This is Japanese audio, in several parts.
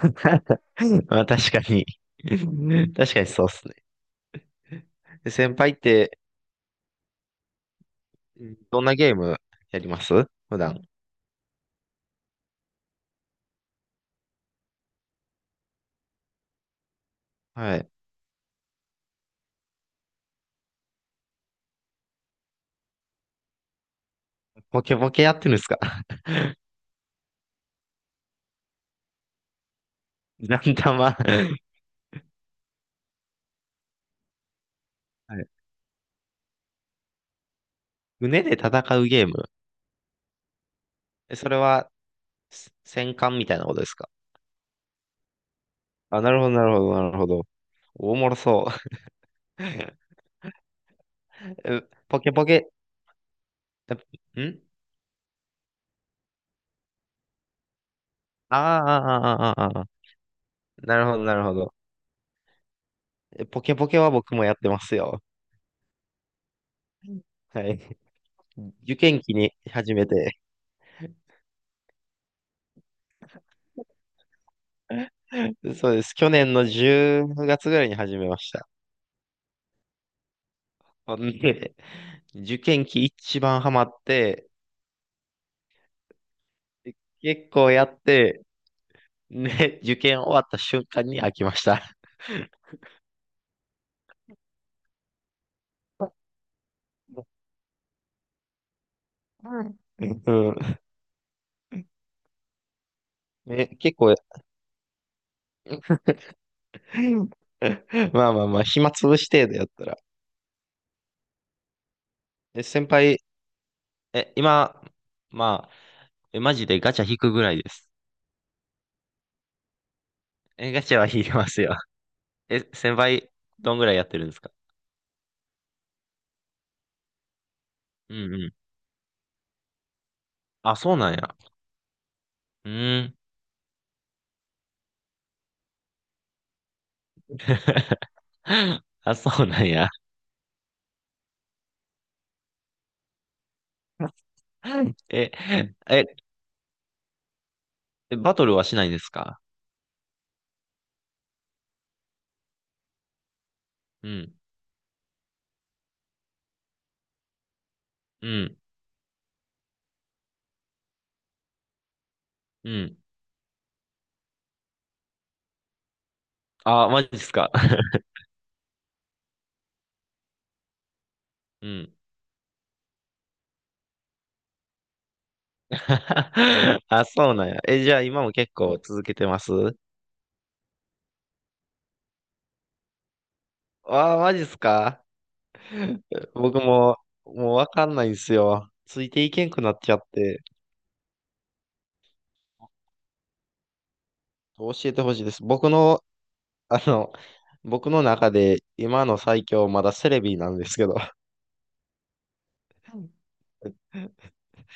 まあ確かに 確かにそうっすね。で先輩って、どんなゲームやります普段。はい。ポケポケやってるんですか？ ランダマ はい、胸で戦うゲーム。え、それは、戦艦みたいなことですか？あ、なるほど、なるほど、なるほど。おもろそう。え、ポケポケ、えんああ、あーあー、あーあー、あーなるほど、なるほど。え、ポケポケは僕もやってますよ。はい。受験期に始めて。そうです。去年の10月ぐらいに始めました。ほんで、受験期一番ハマって、結構やって、ね、受験終わった瞬間に飽きました。うん。ね、結構、まあまあまあ、暇つぶし程度やったら。え、先輩、え、今、まあ、え、マジでガチャ引くぐらいです。え、ガチャは引きますよ。え、先輩、どんぐらいやってるんですか？うんうん。あ、そうなんや。うーん。あ、そうなんや。え、え、バトルはしないんですか？うん、うん、うん。あ、マジですか？ うん。あ、そうなんや。え、じゃあ今も結構続けてます？あ、マジですか？僕も、もうわかんないんですよ。ついていけんくなっちゃって、教えてほしいです。僕の、あの、僕の中で今の最強まだセレビなんですけど。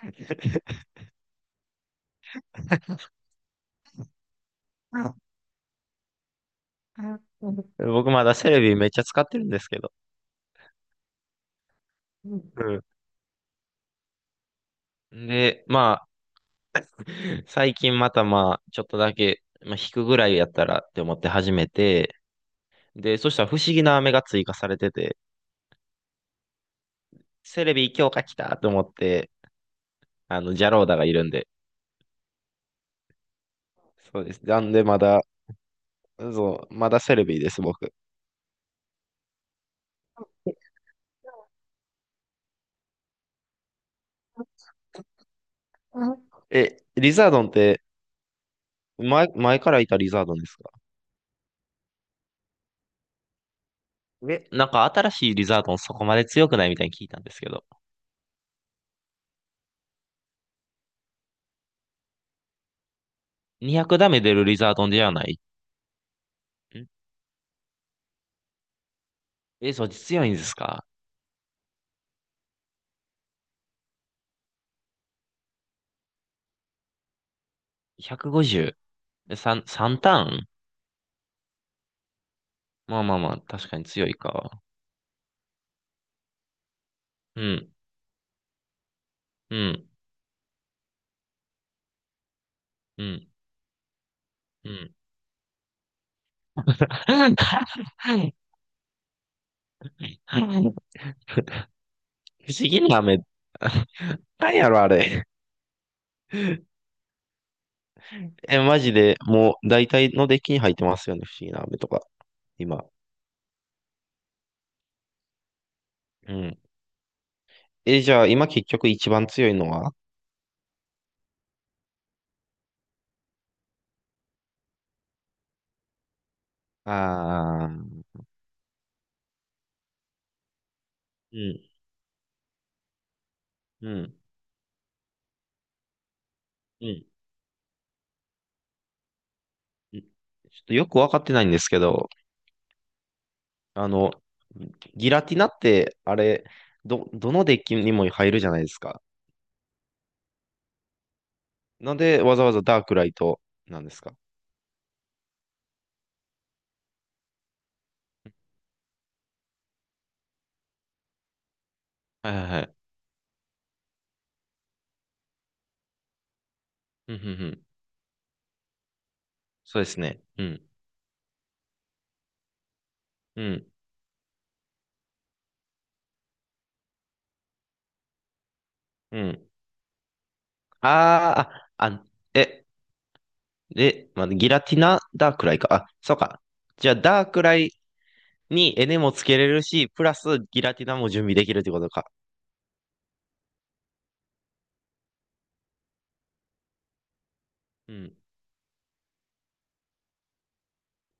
僕まだセレビめっちゃ使ってるんですけど。うん、で、まあ、最近またまあ、ちょっとだけ、まあ、引くぐらいやったらって思って始めて、で、そしたら不思議な飴が追加されてて、セレビ強化来たと思って、あの、ジャローダがいるんで。そうです。なんでまだ、そう、まだセレビです、僕。うん。え、リザードンって、前からいたリザードンですか？え、なんか新しいリザードンそこまで強くないみたいに聞いたんですけど。200ダメ出るリザードンではない？ん、え、そっち強いんですか？ 150。3、三ターン、まあまあまあ、確かに強いか。うん、うん、うん、うん。不思議な飴。なんやろ、あれ。え、マジで、もう、大体のデッキに入ってますよね、不思議な飴とか。今。うん。え、じゃあ、今結局一番強いのは？ああー、うん、うん、うん。うん、ちょっとよくわかってないんですけど、あの、ギラティナって、あれ、どのデッキにも入るじゃないですか。なんでわざわざダークライトなんですか？はいはいはい。うん、うん、うん。そうですね。うん、うん、うん。あーあ、あ、え、で、まあ、ギラティナダークライか。あ、そうか。じゃあ、ダークライにエネもつけれるし、プラスギラティナも準備できるってことか。うん。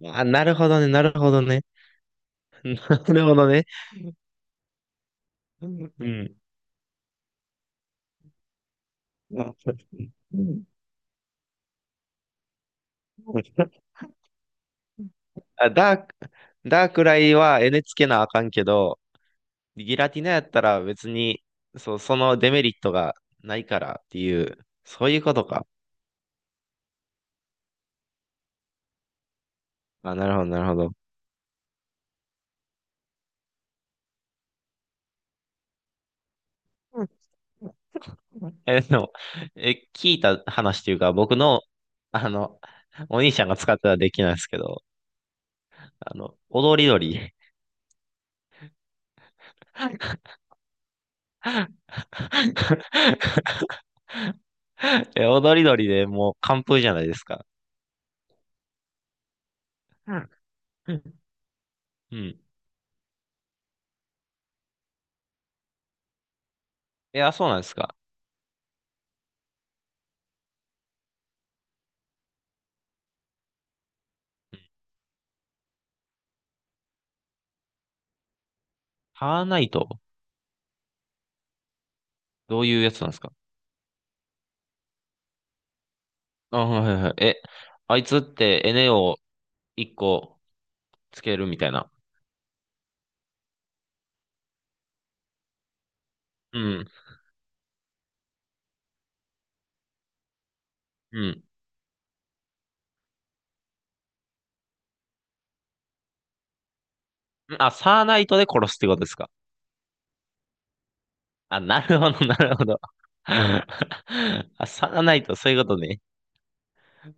あ、なるほどね、なるほどね。なるほどね。うん。うん、あ、ダーク、ダークライはエネつけなあかんけど、ギラティナやったら別に、そう、そのデメリットがないからっていう、そういうことか。あ、なるほど、なるほど。え、でも、え、聞いた話というか、僕の、あの、お兄ちゃんが使ってはできないですけど、あの、踊り鳥。え、踊り鳥でもう完封じゃないですか。うん。うん。いや、そうなんですか。ハーナイト、どういうやつなんですか？あ、はいはいはい。え、あいつって NA を一個つけるみたいな。うん、うん。あ、サーナイトで殺すってことですか。あ、なるほど、なるほど。あ、サーナイト、そういうことね。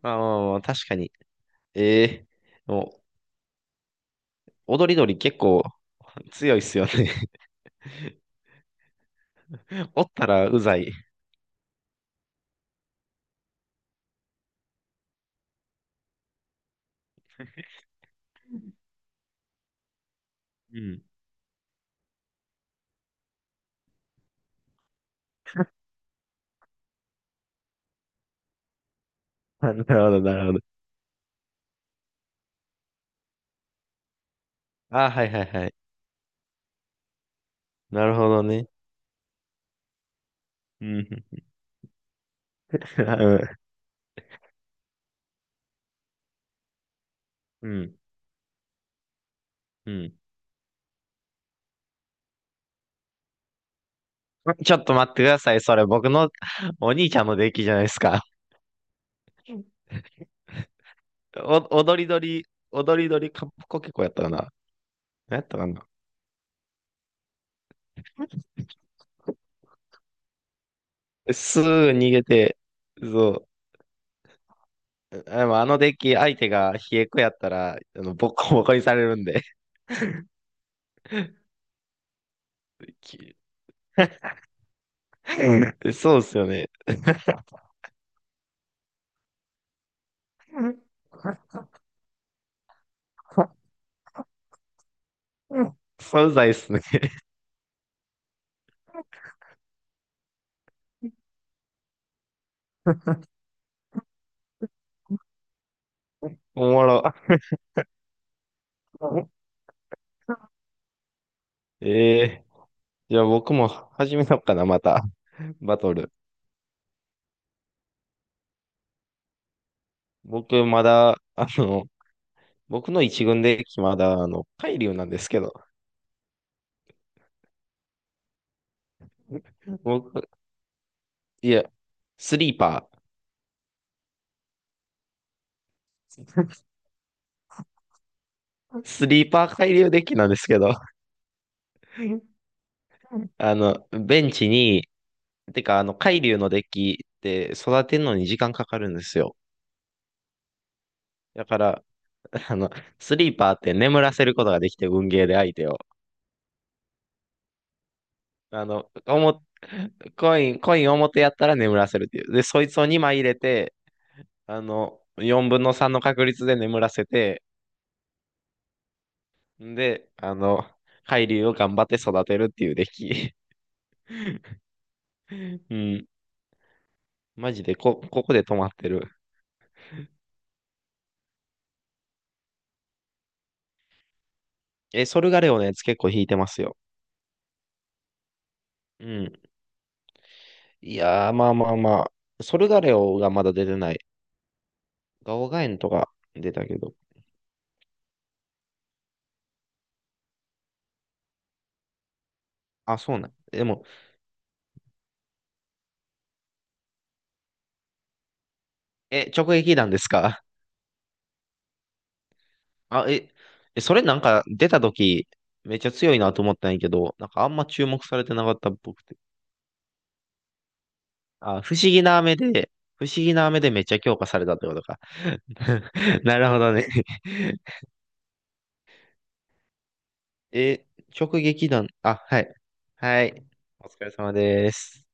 まあまあまあ、確かに。ええ、もう、踊り鳥結構強いっすよね。おったらうざい。うん。あ、なるほど、なるほど。あ、はいはいはい。なるほどね。うん。うん。うん。うん、ちょっと待ってください。それ僕のお兄ちゃんのデッキじゃないですか。お踊り鳥、踊り鳥りカップコケコやったかな。何やったかな。すぐ逃げて、そう。でもあのデッキ、相手が冷え子やったら、あの、ボコボコにされるんで。き そうっすよね。そうざいっすね。おもろ。ええー、じゃあ僕も始めようかな、また。バトル。僕まだ、あの、僕の一軍デッキまだ、あの、海流なんですけど、僕、いや、スリーパー。スリーパー海流デッキなんですけど、あの、ベンチに、てか、あの、海流のデッキって育てるのに時間かかるんですよ。だから、あの、スリーパーって眠らせることができて、運ゲーで相手を。あの、おも、コイン、コイン表やったら眠らせるっていう。で、そいつを2枚入れて、あの、4分の3の確率で眠らせて、んで、あの、海流を頑張って育てるっていうデッキ。うん。マジでここで止まってる。え、ソルガレオのやつ結構弾いてますよ。うん。いやー、まあまあまあ。ソルガレオがまだ出てない。ガオガエンとか出たけど。あ、そうなん。でも、え、直撃弾ですか？ あ、え、え、それなんか出た時、めっちゃ強いなと思ったんやけど、なんかあんま注目されてなかったっぽくて。あ、不思議な目で、不思議な目でめっちゃ強化されたってことか。なるほどね。え、直撃弾。あ、はい。はい。お疲れ様です。